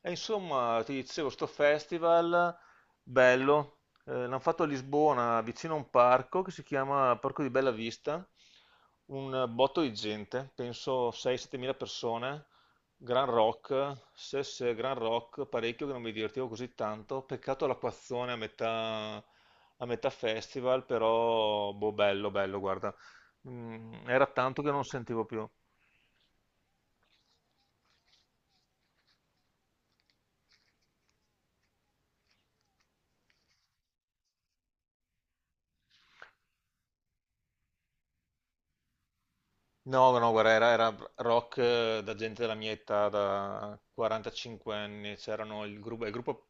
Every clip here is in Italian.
E insomma, ti dicevo, sto festival bello, l'hanno fatto a Lisbona, vicino a un parco che si chiama Parco di Bella Vista, un botto di gente, penso 6-7 mila persone, gran rock, se, se, gran rock, parecchio che non mi divertivo così tanto, peccato l'acquazzone a metà festival, però boh, bello, bello, guarda. Era tanto che non sentivo più. No, no, guarda, era rock da gente della mia età, da 45 anni. C'erano il gruppo,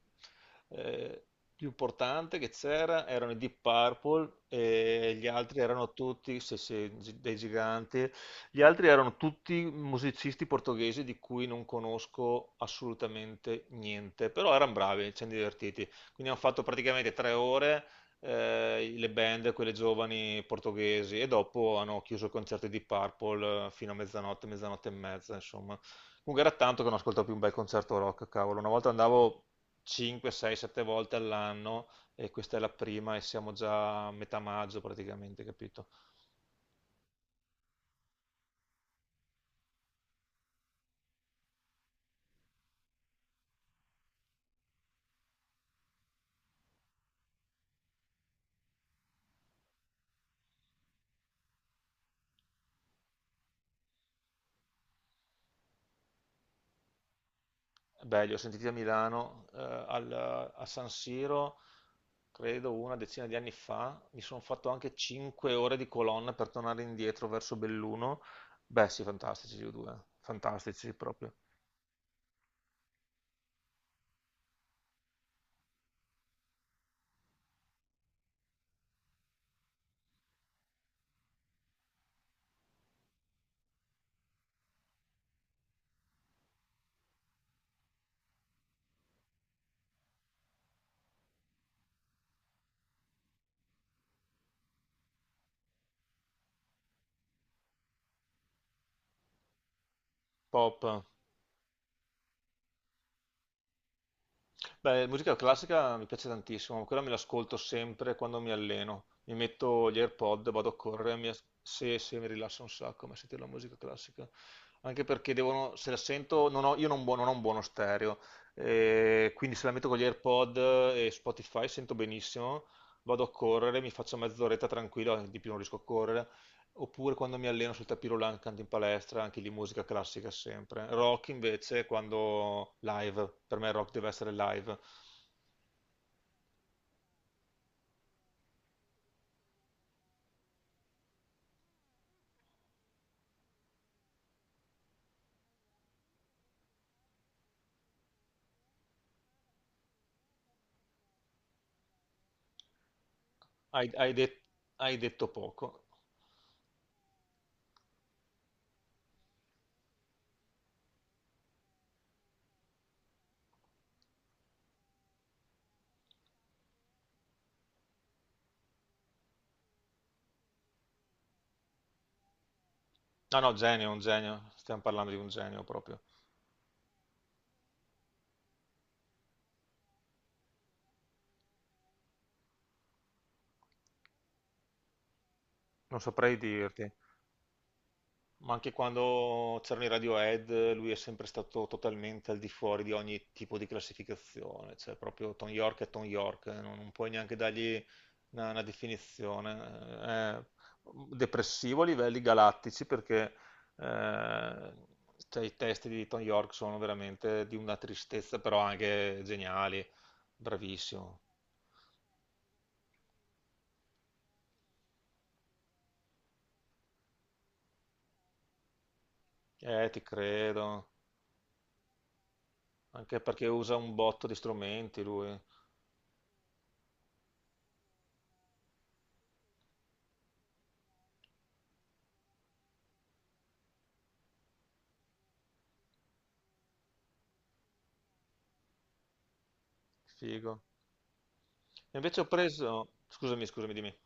eh, più importante che c'era, erano i Deep Purple e gli altri erano tutti, sì, sì, dei giganti, gli altri erano tutti musicisti portoghesi di cui non conosco assolutamente niente, però erano bravi, ci siamo divertiti, quindi hanno fatto praticamente 3 ore le band, quelle giovani portoghesi, e dopo hanno chiuso i concerti di Purple fino a mezzanotte, mezzanotte e mezza, insomma. Comunque era tanto che non ascoltavo più un bel concerto rock, cavolo. Una volta andavo 5, 6, 7 volte all'anno e questa è la prima e siamo già a metà maggio praticamente, capito? Beh, li ho sentiti a Milano, a San Siro, credo una decina di anni fa. Mi sono fatto anche 5 ore di colonna per tornare indietro verso Belluno. Beh, sì, fantastici gli U2, fantastici proprio. Pop. Beh, musica classica mi piace tantissimo, quella me l'ascolto sempre quando mi alleno. Mi metto gli AirPod, vado a correre, mi, as- se, se mi rilassa un sacco, ma sentire la musica classica. Anche perché devono, se la sento, non ho un buono stereo, quindi se la metto con gli AirPod e Spotify sento benissimo, vado a correre, mi faccio mezz'oretta tranquilla, di più non riesco a correre. Oppure quando mi alleno sul tapis roulant, canto in palestra, anche lì musica classica sempre. Rock invece quando live, per me rock deve essere live. Hai, hai de- hai detto poco. No, no, genio, un genio, stiamo parlando di un genio proprio. Non saprei dirti. Ma anche quando c'erano i Radiohead, lui è sempre stato totalmente al di fuori di ogni tipo di classificazione, cioè proprio Tom York è Tom York, non puoi neanche dargli una definizione. È depressivo a livelli galattici perché eh, cioè, i testi di Tom York sono veramente di una tristezza, però anche geniali, bravissimo. Ti credo, anche perché usa un botto di strumenti lui, figo. Invece ho preso, scusami, scusami, dimmi.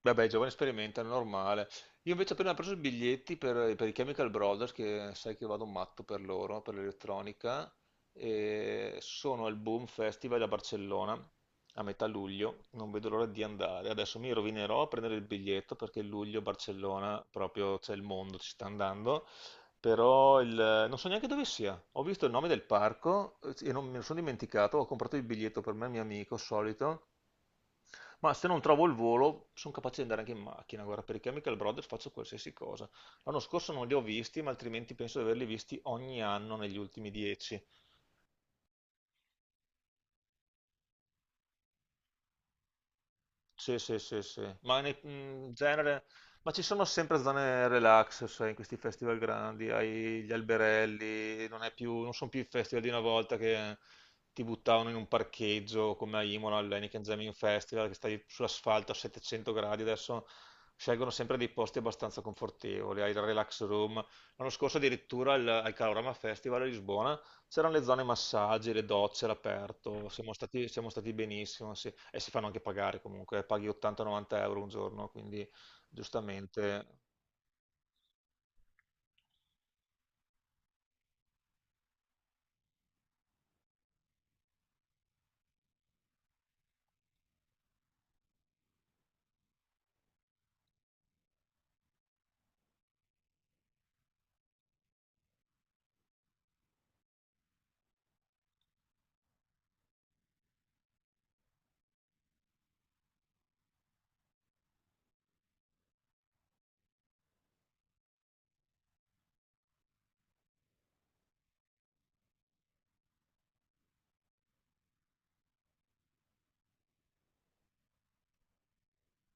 Vabbè, i giovani sperimentano, normale. Io invece ho appena preso i biglietti per i Chemical Brothers, che sai che vado matto per loro, per l'elettronica, e sono al Boom Festival a Barcellona a metà luglio, non vedo l'ora di andare. Adesso mi rovinerò a prendere il biglietto perché luglio Barcellona proprio c'è il mondo, ci sta andando. Però non so neanche dove sia. Ho visto il nome del parco sì, e non me ne sono dimenticato, ho comprato il biglietto per me e il mio amico solito, ma se non trovo il volo sono capace di andare anche in macchina, guarda, per i Chemical Brothers faccio qualsiasi cosa. L'anno scorso non li ho visti, ma altrimenti penso di averli visti ogni anno negli ultimi 10. Sì, sì, sì, sì. Ma in genere, ma ci sono sempre zone relax, sai, in questi festival grandi, hai gli alberelli, non sono più i festival di una volta che ti buttavano in un parcheggio come a Imola, all'Heineken Jamming Festival, che stai sull'asfalto a 700 gradi. Adesso scelgono sempre dei posti abbastanza confortevoli, hai il relax room. L'anno scorso addirittura al Calorama Festival a Lisbona c'erano le zone massaggi, le docce all'aperto, siamo stati benissimo, sì. E si fanno anche pagare comunque, paghi 80-90 euro un giorno, quindi giustamente.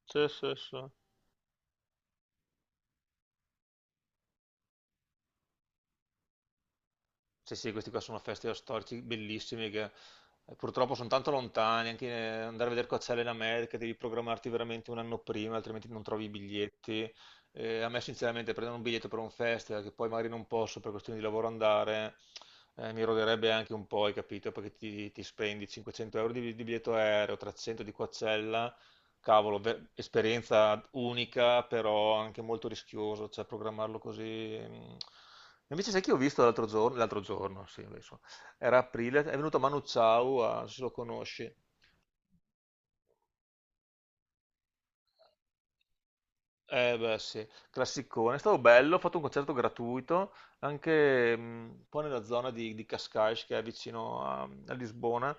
Sì, sì, sì. Sì, sì, questi qua sono festival storici bellissimi che purtroppo sono tanto lontani, anche andare a vedere Coachella in America devi programmarti veramente un anno prima, altrimenti non trovi i biglietti. A me sinceramente prendere un biglietto per un festival che poi magari non posso per questioni di lavoro andare, mi roderebbe anche un po', hai capito? Perché ti spendi 500 euro di biglietto aereo, 300 di Coachella cavolo, esperienza unica, però anche molto rischioso, cioè programmarlo così. Mh. Invece sai che ho visto l'altro giorno, sì, adesso, era aprile, è venuto Manu Chao, non so se lo conosci. Eh beh sì, classicone, è stato bello, ho fatto un concerto gratuito anche un po' nella zona di Cascais che è vicino a Lisbona.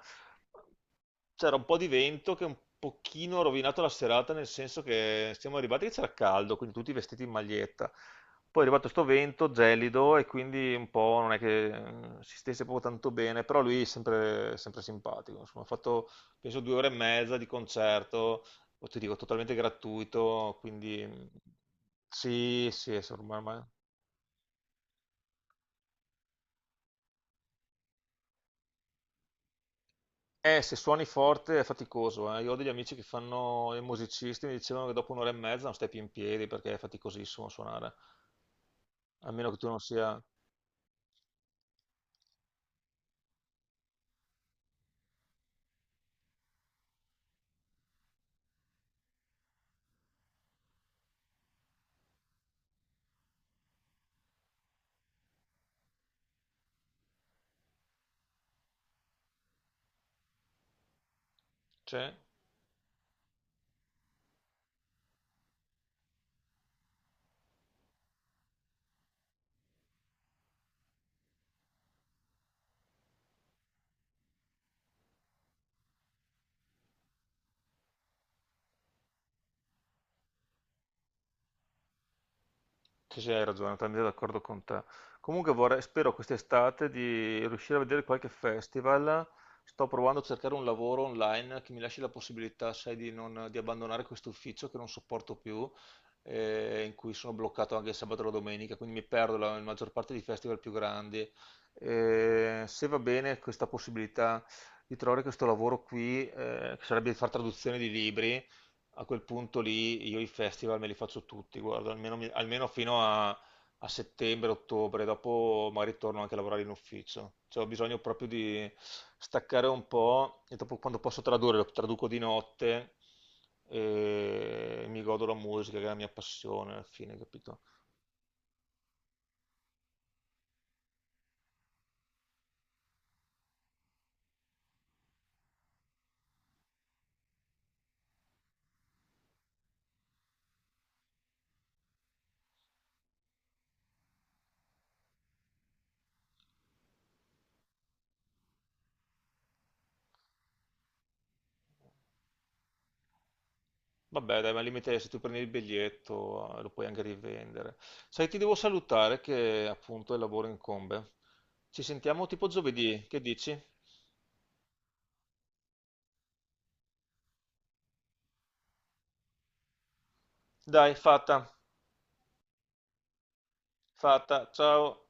C'era un po' di vento che un pochino ha rovinato la serata nel senso che siamo arrivati che c'era caldo, quindi tutti vestiti in maglietta. Poi è arrivato sto vento gelido e quindi un po' non è che si stesse proprio tanto bene, però lui è sempre, sempre simpatico. Insomma, ho fatto penso 2 ore e mezza di concerto o ti dico totalmente gratuito, quindi sì, sì, è sor- ma- se suoni forte è faticoso, eh. Io ho degli amici che fanno i musicisti, mi dicevano che dopo un'ora e mezza non stai più in piedi perché è faticosissimo suonare, a meno che tu non sia. C'è? Sì, sì, hai ragione, sono d'accordo con te. Comunque vorrei, spero quest'estate di riuscire a vedere qualche festival. Sto provando a cercare un lavoro online che mi lasci la possibilità, sai, di, non- di abbandonare questo ufficio che non sopporto più, in cui sono bloccato anche il sabato e la domenica, quindi mi perdo la maggior parte dei festival più grandi. Se va bene questa possibilità di trovare questo lavoro qui, che sarebbe di fare traduzione di libri, a quel punto lì io i festival me li faccio tutti, guarda, almeno fino a settembre, ottobre, dopo magari torno anche a lavorare in ufficio. Cioè, ho bisogno proprio di staccare un po' e dopo quando posso tradurre, lo traduco di notte e mi godo la musica, che è la mia passione alla fine, capito? Vabbè, dai, ma al limite se tu prendi il biglietto lo puoi anche rivendere. Sai, ti devo salutare che appunto il lavoro incombe. Ci sentiamo tipo giovedì, che dici? Dai, fatta, fatta. Ciao.